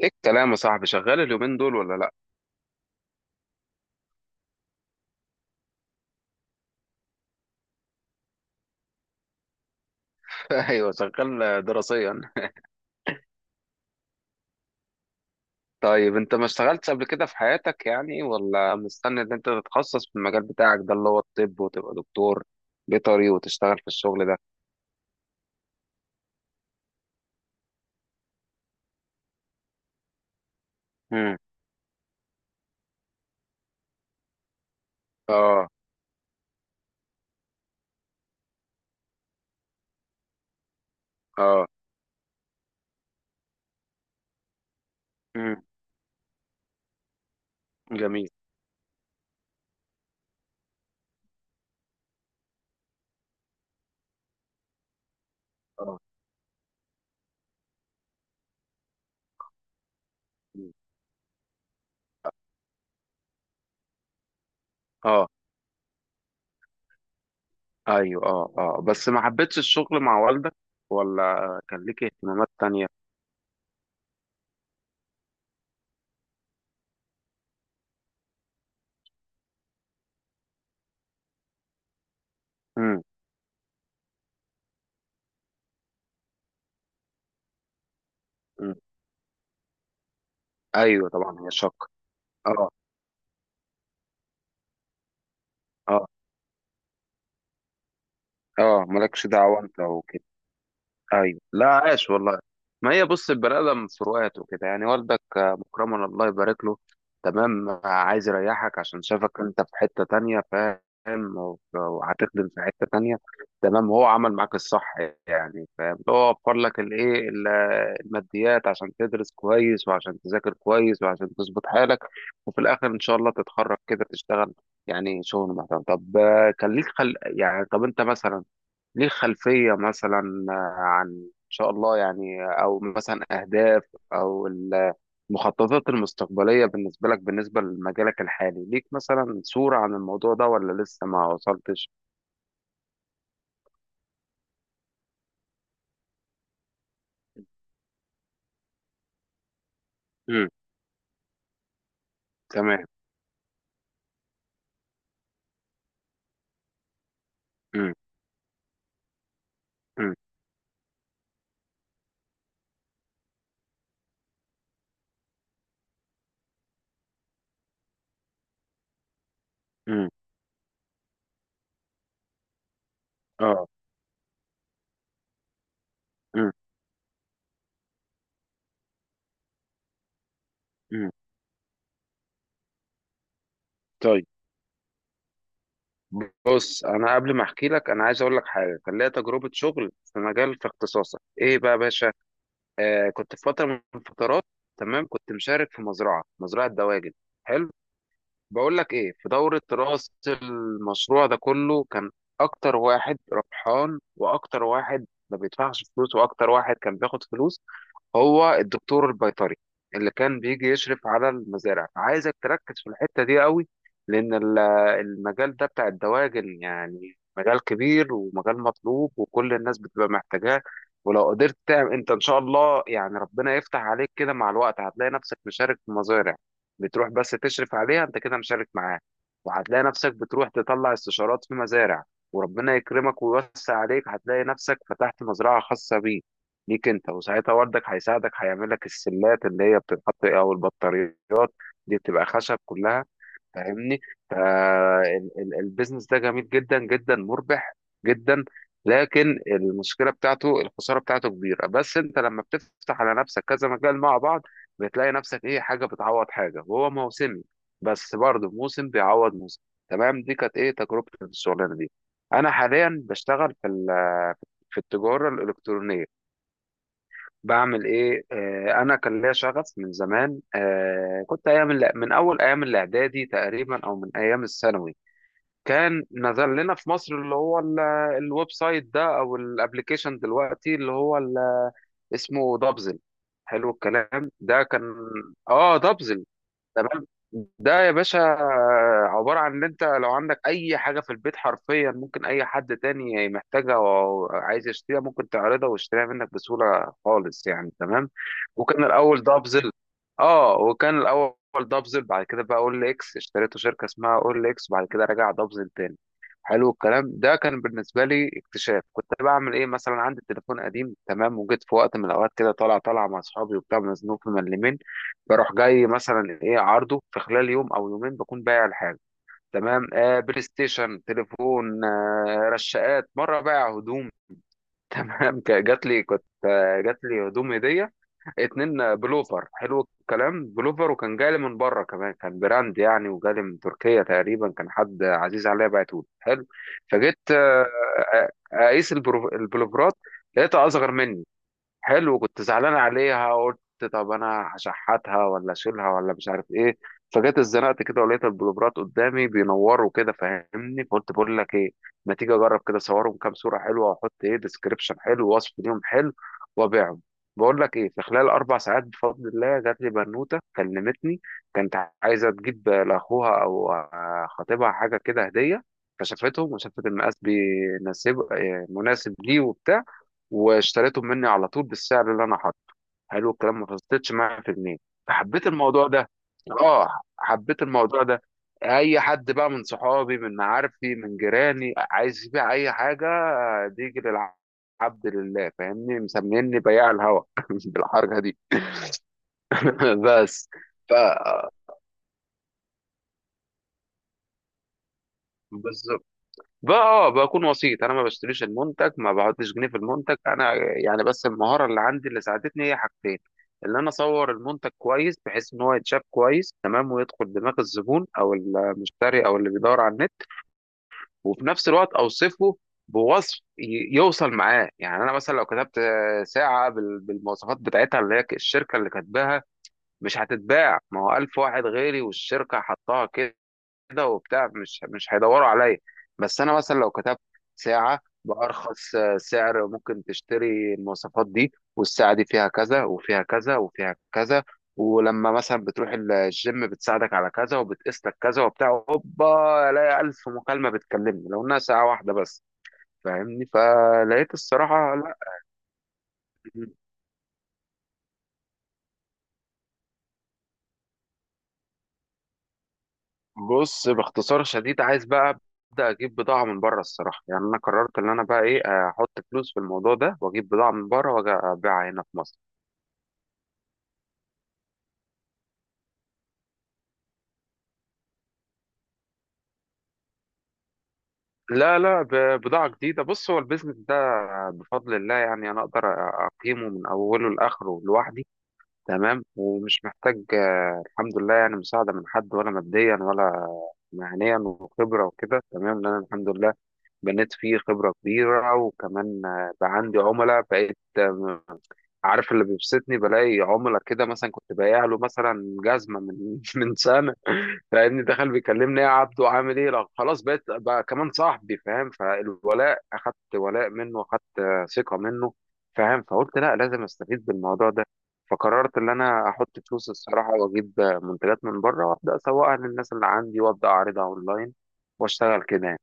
ايه الكلام يا صاحبي؟ شغال اليومين دول ولا لا؟ ايوه، شغال دراسيا. طيب انت ما اشتغلتش قبل كده في حياتك يعني، ولا مستني ان انت تتخصص في المجال بتاعك ده اللي هو الطب وتبقى دكتور بيطري وتشتغل في الشغل ده؟ امم. اه. اه. امم. جميل. اه. مم. اه، ايوه. اه، اه، بس ما حبيتش الشغل مع والدك، ولا كان ليك اهتمامات تانية؟ امم. امم. ايوه طبعا، هي شق. اه. اه. اه، مالكش دعوة انت. ايوه، لا، عاش والله. ما هي بص، البني ادم فروقات وكده يعني. والدك مكرما، الله يبارك له. تمام. عايز يريحك عشان شافك انت في حته تانية، فاهم، وهتخدم في حته تانية. تمام، هو عمل معاك الصح يعني، فاهم. هو وفر لك الايه الماديات عشان تدرس كويس، وعشان تذاكر كويس، وعشان تظبط حالك، وفي الاخر ان شاء الله تتخرج كده تشتغل يعني شغل محترم. طب كان ليك يعني طب انت مثلا ليه خلفية مثلا عن إن شاء الله يعني، أو مثلا أهداف، أو المخططات المستقبلية بالنسبة لك، بالنسبة لمجالك الحالي، ليك مثلا صورة عن الموضوع ده ولا لسه ما وصلتش؟ امم. تمام. امم. امم. امم. اه. امم. امم. طيب بص، أنا قبل ما أحكي لك أنا عايز أقول لك حاجة. كان ليا تجربة شغل في مجال في اختصاصك، إيه بقى يا باشا؟ آه، كنت في فترة من الفترات. تمام. كنت مشارك في مزرعة دواجن. حلو. بقول لك ايه، في دورة رأس المشروع ده كله كان اكتر واحد ربحان، واكتر واحد ما بيدفعش فلوس، واكتر واحد كان بياخد فلوس هو الدكتور البيطري اللي كان بيجي يشرف على المزارع. فعايزك تركز في الحتة دي قوي، لأن المجال ده بتاع الدواجن يعني مجال كبير ومجال مطلوب وكل الناس بتبقى محتاجاه. ولو قدرت تعمل انت ان شاء الله يعني، ربنا يفتح عليك كده مع الوقت هتلاقي نفسك مشارك في مزارع، بتروح بس تشرف عليها انت كده، مشارك معاه، وهتلاقي نفسك بتروح تطلع استشارات في مزارع، وربنا يكرمك ويوسع عليك هتلاقي نفسك فتحت مزرعة خاصة بيك، ليك انت. وساعتها وردك هيساعدك، هيعمل لك السلات اللي هي بتتحط او البطاريات دي بتبقى خشب كلها، فاهمني. فالبيزنس ده جميل جدا، جدا مربح جدا. لكن المشكله بتاعته الخساره بتاعته كبيره، بس انت لما بتفتح على نفسك كذا مجال مع بعض، بتلاقي نفسك ايه، حاجه بتعوض حاجه، وهو موسمي بس برضه موسم بيعوض موسم. تمام، دي كانت ايه تجربه الشغلانه دي. انا حاليا بشتغل في في التجاره الالكترونيه. بعمل ايه، انا كان ليا شغف من زمان. كنت ايام من اول ايام الاعدادي تقريبا او من ايام الثانوي كان نزل لنا في مصر اللي هو الويب سايت ده، او الابليكيشن دلوقتي، اللي هو اسمه دبزل. حلو الكلام ده كان. اه، دبزل. تمام. ده يا باشا عبارة عن ان انت لو عندك اي حاجة في البيت حرفيا ممكن اي حد تاني محتاجها او عايز يشتريها، ممكن تعرضها ويشتريها منك بسهولة خالص يعني، تمام. وكان الاول دافزل. اه، وكان الاول دافزل، بعد كده بقى اول اكس، اشتريته شركة اسمها اول اكس، بعد كده رجع دافزل تاني. حلو الكلام ده كان بالنسبة لي اكتشاف. كنت بعمل ايه، مثلا عندي تليفون قديم، تمام، وجيت في وقت من الاوقات كده طالع طالع مع اصحابي وبتاع، مزنوق في ملمين، بروح جاي مثلا ايه عرضه، في خلال يوم او يومين بكون بايع الحاجه. تمام. بلاي ستيشن، تليفون، رشاقات، مره بايع هدوم. تمام. جات لي، كنت جات لي هدوم هديه، اتنين بلوفر. حلو الكلام. بلوفر وكان جالي من بره كمان، كان براند يعني، وجالي من تركيا تقريبا، كان حد عزيز عليا بعته لي. حلو. فجيت اقيس البلوفرات، لقيتها اصغر مني. حلو. كنت زعلان عليها، قلت طب انا هشحتها ولا اشيلها ولا مش عارف ايه. فجيت اتزنقت كده، ولقيت البلوبرات قدامي بينوروا كده، فاهمني. فقلت بقول لك ايه، ما تيجي اجرب كده اصورهم كام صوره حلوه، واحط ايه ديسكريبشن حلو ووصف ليهم حلو، وابيعهم. بقول لك ايه، في خلال 4 ساعات بفضل الله جات لي بنوته كلمتني، كانت عايزه تجيب لاخوها او خطيبها حاجه كده هديه، فشافتهم وشافت المقاس بيناسب مناسب ليه وبتاع، واشتريتهم مني على طول بالسعر اللي انا حاطه. حلو الكلام، ما فصلتش معايا في جنيه. فحبيت الموضوع ده. اه، حبيت الموضوع ده. اي حد بقى من صحابي من معارفي من جيراني عايز يبيع اي حاجه، بيجي للعبد لله، فاهمني، مسميني بياع الهوا بالحركه دي. بس. ف بقى، بكون وسيط، انا ما بشتريش المنتج، ما بحطش جنيه في المنتج انا يعني. بس المهاره اللي عندي اللي ساعدتني هي حاجتين، اللي انا اصور المنتج كويس بحيث ان هو يتشاف كويس، تمام، ويدخل دماغ الزبون او المشتري او اللي بيدور على النت، وفي نفس الوقت اوصفه. بوصف يوصل معاه يعني. انا مثلا لو كتبت ساعه بالمواصفات بتاعتها اللي هي الشركه اللي كاتباها، مش هتتباع، ما هو 1000 واحد غيري والشركه حطها كده، كده وبتاع، مش هيدوروا عليا. بس انا مثلا لو كتبت ساعة بأرخص سعر ممكن تشتري المواصفات دي، والساعة دي فيها كذا وفيها كذا وفيها كذا، ولما مثلا بتروح الجيم بتساعدك على كذا وبتقيس لك كذا وبتاع، هوبا الاقي 1000 مكالمة بتكلمني لو انها ساعة واحدة بس، فاهمني. فلقيت الصراحة. لا. بص، باختصار شديد، عايز بقى ابدا اجيب بضاعه من بره الصراحه يعني. انا قررت ان انا بقى ايه، احط فلوس في الموضوع ده واجيب بضاعه من بره واجي ابيعها هنا في مصر. لا، لا، بضاعه جديده. بص، هو البيزنس ده بفضل الله يعني، انا اقدر اقيمه من اوله لاخره لوحدي، تمام، ومش محتاج الحمد لله يعني، مساعده من حد، ولا ماديا، ولا مهنيا، وخبره وكده، تمام. لان أنا الحمد لله بنيت فيه خبرة كبيرة، وكمان بقى عندي عملاء، بقيت عارف. اللي بيبسطني بلاقي عملاء كده مثلا كنت بايع له مثلا جزمة من من سنة، فاهمني، دخل بيكلمني إيه يا عبدو عامل ايه، لا خلاص بقيت بقى كمان صاحبي، فاهم، فالولاء اخدت، ولاء منه اخدت ثقة منه، فاهم. فقلت لا لازم استفيد بالموضوع ده، فقررت ان انا احط فلوس الصراحة، واجيب منتجات من بره، وابدا اسوقها للناس اللي عندي، وابدا اعرضها اونلاين، واشتغل كده.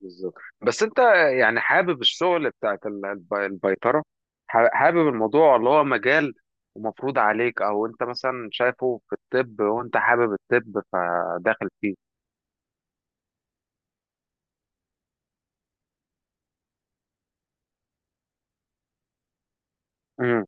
بالظبط. بس انت يعني حابب الشغل بتاعت البيطرة، حابب الموضوع اللي هو مجال ومفروض عليك، او انت مثلا شايفه في الطب وانت حابب الطب فداخل فيه؟ امم.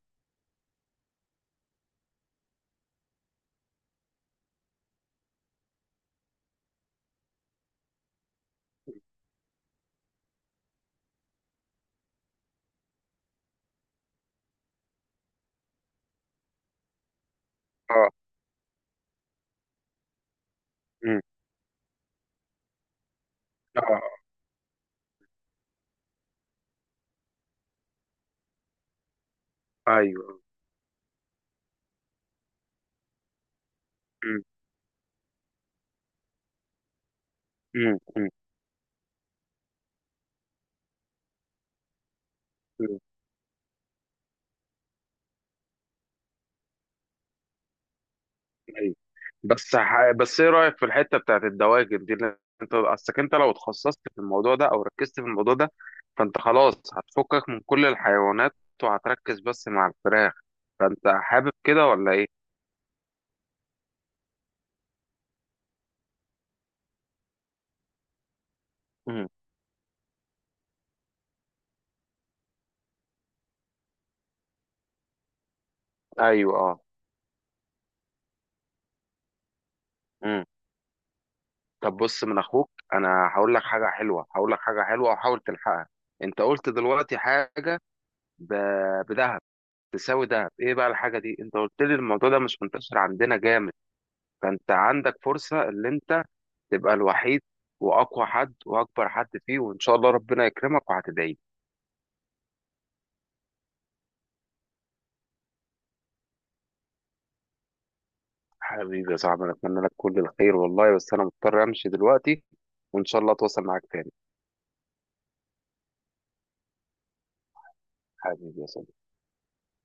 اه. امم. اه. ايوه. امم. امم. امم. ايوه. بس ايه رايك في الحته بتاعت الدواجن دي، اللي انت اصلك، انت لو اتخصصت في الموضوع ده او ركزت في الموضوع ده فانت خلاص هتفكك من كل الحيوانات، وهتركز بس مع الفراخ. فانت حابب كده ولا ايه؟ امم. ايوه. اه. امم. طب بص، من اخوك انا هقول لك حاجه حلوه، هقول لك حاجه حلوه وحاول تلحقها. انت قلت دلوقتي حاجه ب... بدهب، تساوي دهب، ايه بقى الحاجه دي؟ انت قلت لي الموضوع ده مش منتشر عندنا جامد، فانت عندك فرصه اللي انت تبقى الوحيد واقوى حد واكبر حد فيه، وان شاء الله ربنا يكرمك وهتدعي لي. حبيبي يا صاحبي، انا اتمنى لك كل الخير والله، بس انا مضطر امشي دلوقتي، وان شاء الله اتواصل معاك تاني. حبيبي يا صاحبي.